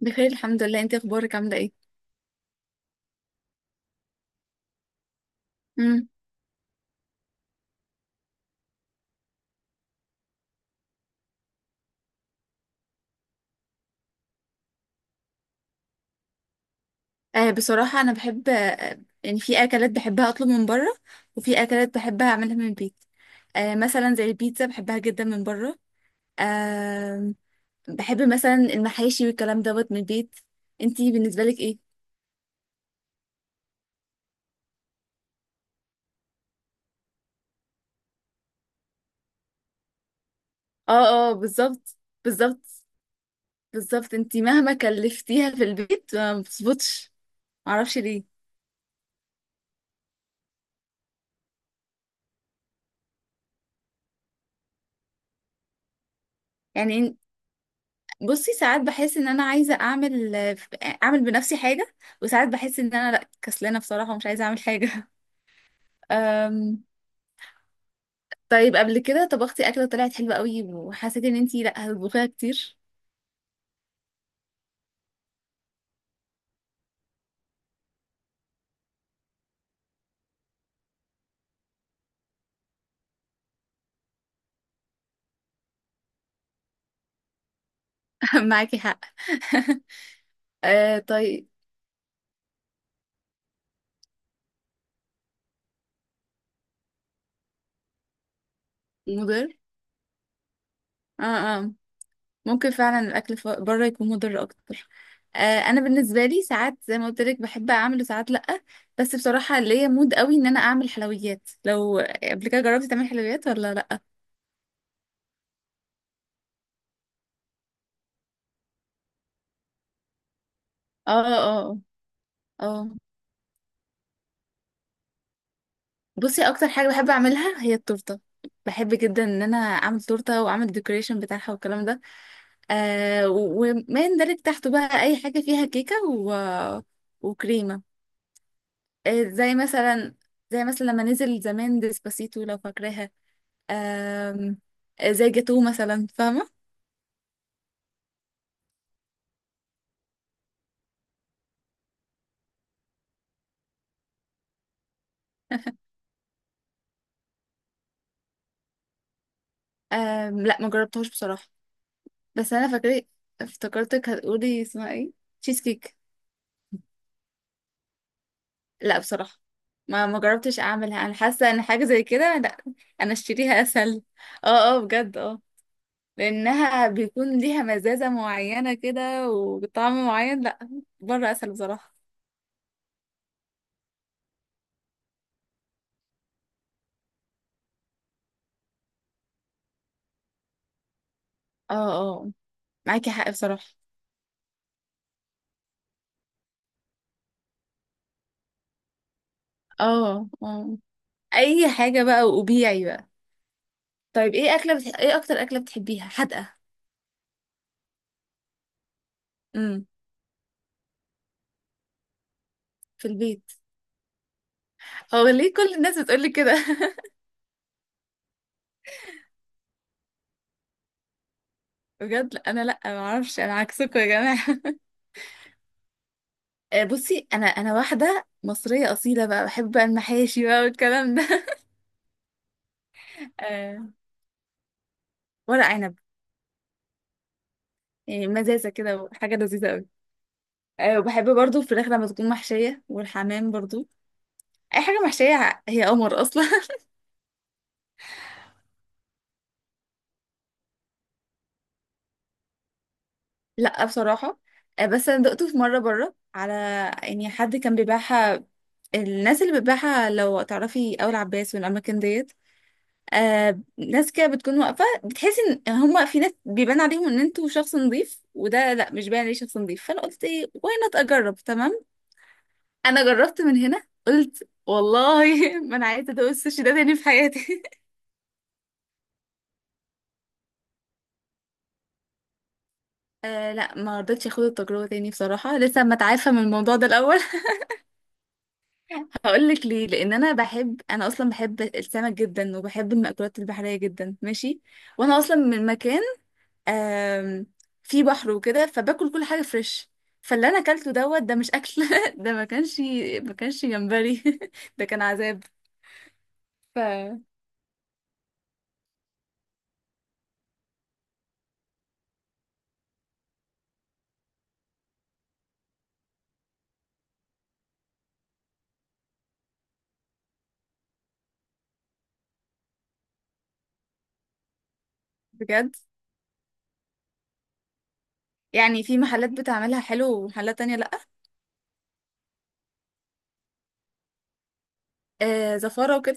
بخير، الحمد لله. انت اخبارك عامله ايه؟ امم. آه، بصراحه انا بحب يعني في اكلات بحبها اطلب من بره. وفي اكلات بحبها اعملها من البيت. آه، مثلا زي البيتزا بحبها جدا من بره. آه. بحب مثلا المحاشي والكلام دوت من البيت. انتي بالنسبه لك ايه؟ اه اه، بالظبط. بالظبط. بالظبط، انتي مهما كلفتيها في البيت ما بتظبطش. معرفش ليه. يعني، بصي، ساعات بحس ان انا عايزه اعمل بنفسي حاجه. وساعات بحس ان انا لا، كسلانه بصراحه ومش عايزه اعمل حاجه أم... طيب، قبل كده طبختي اكله طلعت حلوه قوي وحسيتي ان انتي لا هتطبخيها كتير؟ معاكي حق أه، طيب. مضر. اه اه، ممكن فعلا الاكل بره يكون مضر اكتر. أه، انا بالنسبه لي ساعات زي ما قلت لك بحب اعمل وساعات لا. بس بصراحه ليا مود قوي ان انا اعمل حلويات. لو قبل كده جربتي تعملي حلويات ولا لا؟ اه اه آه. اه. بصي، اكتر حاجه بحب اعملها هي التورته. بحب جدا ان انا اعمل تورته واعمل ديكوريشن بتاعها والكلام ده. آه، وما يندرج تحته بقى اي حاجه فيها كيكه و... وكريمه. آه، زي مثلا لما نزل زمان ديسباسيتو لو فاكراها. آم، آه، زي جاتو مثلا، فاهمه؟ لا، ما جربتهاش بصراحه. بس انا فاكره، افتكرتك هتقولي اسمها ايه. تشيز كيك. لا بصراحة. ما جربتش اعملها، انا حاسة ان حاجة زي كده لا. انا اشتريها اسهل. اه. اه بجد، اه. لانها بيكون ليها مزازة معينة كده وطعم معين، لا. بره اسهل بصراحة. اه اه، معاكي حق بصراحة. اه اه، اي حاجة بقى وبيعي بقى. طيب ايه اكلة ايه اكتر اكلة بتحبيها حادقة؟ امم. في البيت. هو ليه كل الناس بتقولي كده؟ بجد، لا، انا لا، ما اعرفش، انا عكسكم يا جماعة. آه، بصي، انا واحده مصريه اصيله بقى، بحب بقى المحاشي بقى والكلام ده آه، ورق عنب. يعني مزازه كده وحاجه لذيذه قوي. آه، وبحب برضو الفراخ لما تكون محشيه، والحمام برضو. اي حاجه محشيه هي قمر اصلا لا بصراحه. آه، بس انا دقته في مره بره على، يعني، حد كان بيبيعها. الناس اللي بتبيعها لو تعرفي اول عباس والاماكن ديت. آه، ناس كده بتكون واقفة، بتحسي ان هما في ناس بيبان عليهم ان انتوا شخص نظيف، وده لا مش باين عليه شخص نظيف. فانا قلت ايه، واي نوت، اجرب، تمام. انا جربت من هنا قلت والله ما انا عايزة ادوق السوشي ده تاني في حياتي آه لا، ما رضيتش اخد التجربة تاني بصراحة. لسه ما اتعافى من الموضوع ده الاول هقول لك ليه. لان انا بحب، انا اصلا بحب السمك جدا وبحب المأكولات البحرية جدا، ماشي. وانا اصلا من مكان آم، في بحر وكده، فباكل كل حاجه فريش. فاللي انا اكلته دوت ده مش اكل ده ما كانش جمبري ده كان عذاب. ف بجد. يعني في محلات بتعملها حلو ومحلات تانية لأ. آه، زفارة وكده.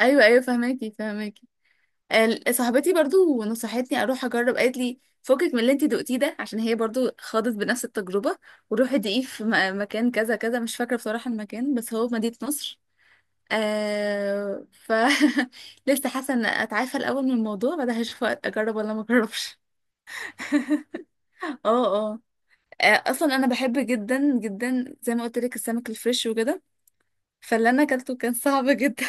أيوة أيوة، فهماكي فهماكي. آه، صاحبتي برضو نصحتني أروح أجرب. قالت لي فكك من اللي انتي دقتيه ده عشان هي برضو خاضت بنفس التجربة. وروحي دقيه في مكان كذا كذا. مش فاكرة بصراحة المكان، بس هو في مدينة نصر. آه، لسه حاسه ان اتعافى الاول من الموضوع، بعدها هشوف اجرب ولا ما اجربش اه اه آه، اصلا انا بحب جدا جدا زي ما قلت لك السمك الفريش وكده. فاللي انا اكلته كان صعب جدا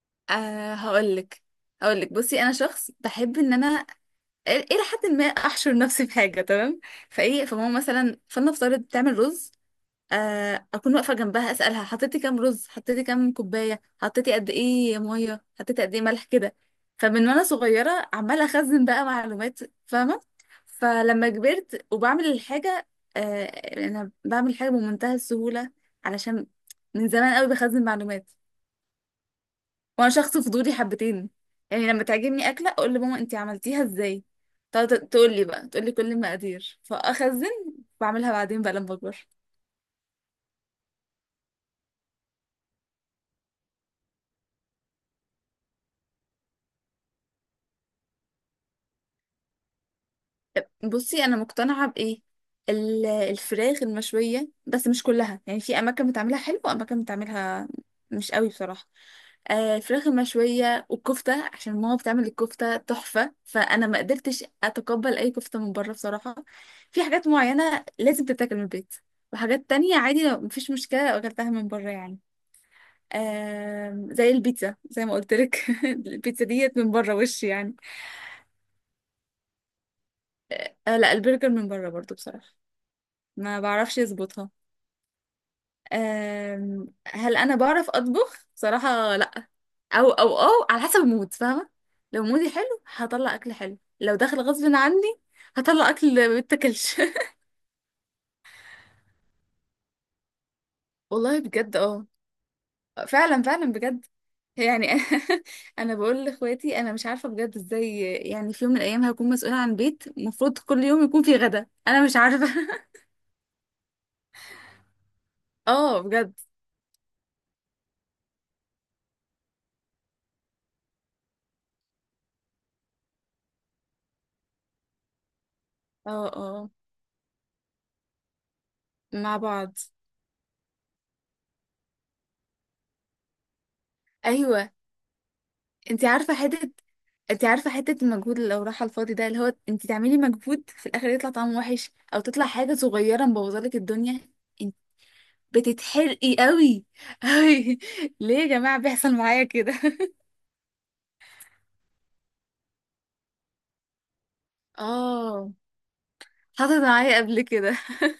أه، هقول لك بصي، انا شخص بحب ان انا الى حد ما احشر نفسي في حاجه، تمام؟ فايه، فماما مثلا، فلنفترض بتعمل رز. آه، اكون واقفه جنبها اسالها حطيتي كام رز، حطيتي كام كوبايه، حطيتي قد ايه ميه، حطيتي قد ايه ملح، كده. فمن وانا صغيره عماله اخزن بقى معلومات، فاهمه؟ فلما كبرت وبعمل الحاجه، آه، انا بعمل حاجه بمنتهى السهوله، علشان من زمان قوي بخزن معلومات. وانا شخص فضولي حبتين. يعني لما تعجبني اكله اقول لماما انتي عملتيها ازاي، تقعد تقول لي بقى، تقول لي كل المقادير، فاخزن. بعملها بعدين بقى لما اكبر. بصي، انا مقتنعه بايه، الفراخ المشويه، بس مش كلها يعني. في اماكن بتعملها حلو واماكن بتعملها مش قوي بصراحه. آه، الفراخ المشويه والكفته، عشان ماما بتعمل الكفته تحفه، فانا ما قدرتش اتقبل اي كفته من بره بصراحه. في حاجات معينه لازم تتاكل من البيت، وحاجات تانية عادي لو مفيش مشكله لو اكلتها من بره يعني. زي البيتزا زي ما قلت لك البيتزا ديت من بره وش يعني. آه، لا، البرجر من بره برضو بصراحه. ما بعرفش يظبطها. هل انا بعرف اطبخ؟ صراحة لا. او على حسب المود، فاهمة؟ لو مودي حلو هطلع اكل حلو، لو داخل غصب عني هطلع اكل متاكلش والله بجد، اه. فعلا فعلا بجد. يعني انا بقول لاخواتي انا مش عارفه بجد ازاي، يعني في يوم من الايام هكون مسؤوله عن بيت المفروض كل يوم يكون فيه غدا، انا مش عارفه اه بجد. اه اه، مع بعض. ايوه. انت عارفه حته انت عارفه حته المجهود اللي لو راح على الفاضي ده، اللي هو انت تعملي مجهود في الاخر يطلع طعمه وحش او تطلع حاجه صغيره مبوظالك الدنيا. انت بتتحرقي قوي قوي ليه يا جماعه بيحصل معايا كده؟ اه، حصلت معايا قبل كده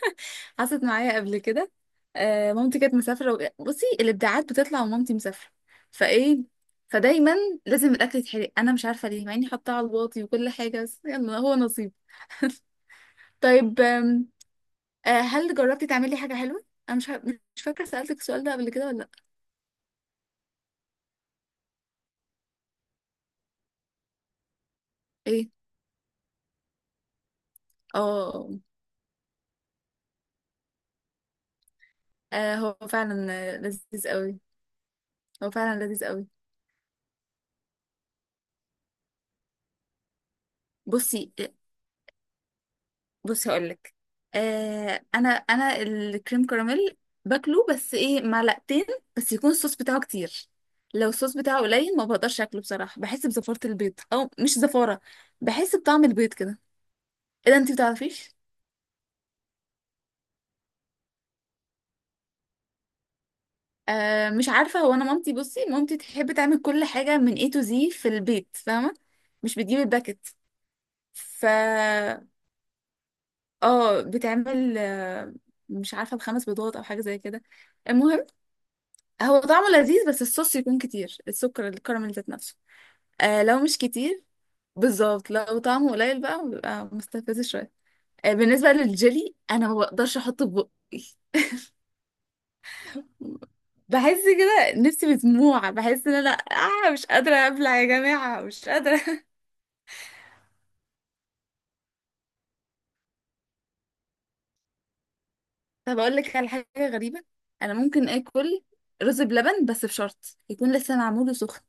حصلت معايا قبل كده. آه، مامتي كانت مسافره بصي، الابداعات بتطلع ومامتي مسافره. فايه، فدايما لازم الاكل يتحرق، انا مش عارفه ليه مع اني حاطاه على الواطي وكل حاجه، بس يلا هو نصيب طيب، آم، آه، هل جربتي تعملي حاجة حلوة؟ أنا مش ه- مش فاكرة سألتك السؤال ده قبل كده ولا لأ؟ إيه؟ آه. آه، هو فعلا، لذيذ قوي. هو فعلا لذيذ قوي. بصي، هقولك. آه، أنا الكريم كراميل باكله، بس إيه، معلقتين. بس يكون الصوص بتاعه كتير. لو الصوص بتاعه قليل ما بقدرش أكله بصراحة. بحس بزفارة البيض، أو مش زفارة، بحس بطعم البيض كده. إيه ده، أنتي بتعرفيش؟ آه، مش عارفة. هو، أنا بصي مامتي تحب تعمل كل حاجة من A to Z في البيت، فاهمة؟ مش بتجيب الباكت. ف اه، بتعمل، مش عارفة بخمس بيضات أو حاجة زي كده. المهم، هو طعمه لذيذ، بس الصوص يكون كتير، السكر الكراميل ذات نفسه. آه، لو مش كتير، بالظبط، لو طعمه قليل بقى بيبقى مستفز شوية. آه، بالنسبة للجيلي أنا ما بقدرش أحطه في بقي. بحس كده نفسي مسموعة، بحس ان انا مش قادرة ابلع يا جماعة، مش قادرة طب، اقول لك على حاجة غريبة. انا ممكن اكل رز بلبن، بس بشرط يكون لسه معمول وسخن.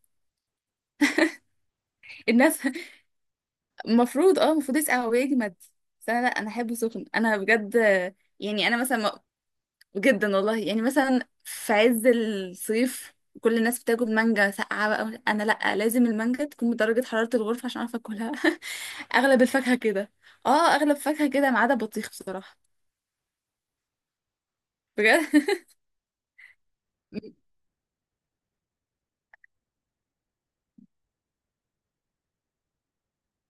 الناس المفروض، المفروض يسقع هو، يجمد. بس انا لا، انا احبه سخن انا بجد. يعني انا مثلا جدا والله. يعني مثلا في عز الصيف كل الناس بتاكل مانجا ساقعة بقى، انا لا، لازم المانجا تكون بدرجة حرارة الغرفة عشان اعرف اكلها اغلب الفاكهة كده. اه، اغلب فاكهة كده ما عدا بطيخ بصراحة. بجد.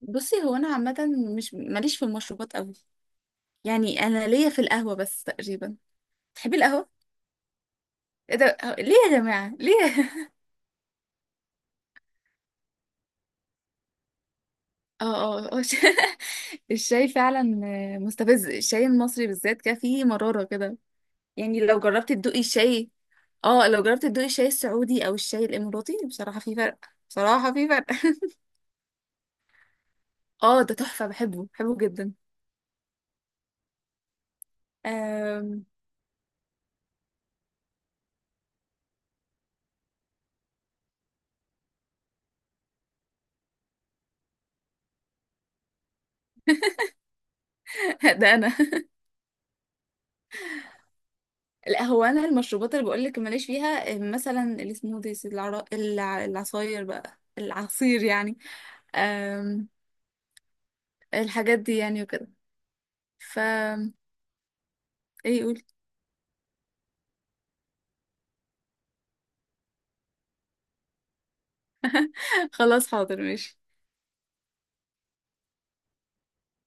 بصي، هو انا عامة مش ماليش في المشروبات قوي. يعني انا ليا في القهوة بس تقريبا. تحبي القهوة؟ ايه ده، ليه يا جماعة، ليه؟ اه اه آه، الشاي فعلا مستفز. الشاي المصري بالذات كده فيه مرارة كده. يعني لو جربت تدوقي الشاي. اه، لو جربت تدوقي الشاي السعودي او الشاي الاماراتي، بصراحة في فرق. بصراحة في فرق اه، ده تحفة، بحبه بحبه جدا. أم... ده انا. لا، هو انا المشروبات اللي بقول لك ماليش فيها. أم، مثلا السموذيز، العصاير بقى، العصير يعني. أم... الحاجات دي يعني وكده. ف ايه يقول خلاص، حاضر، ماشي.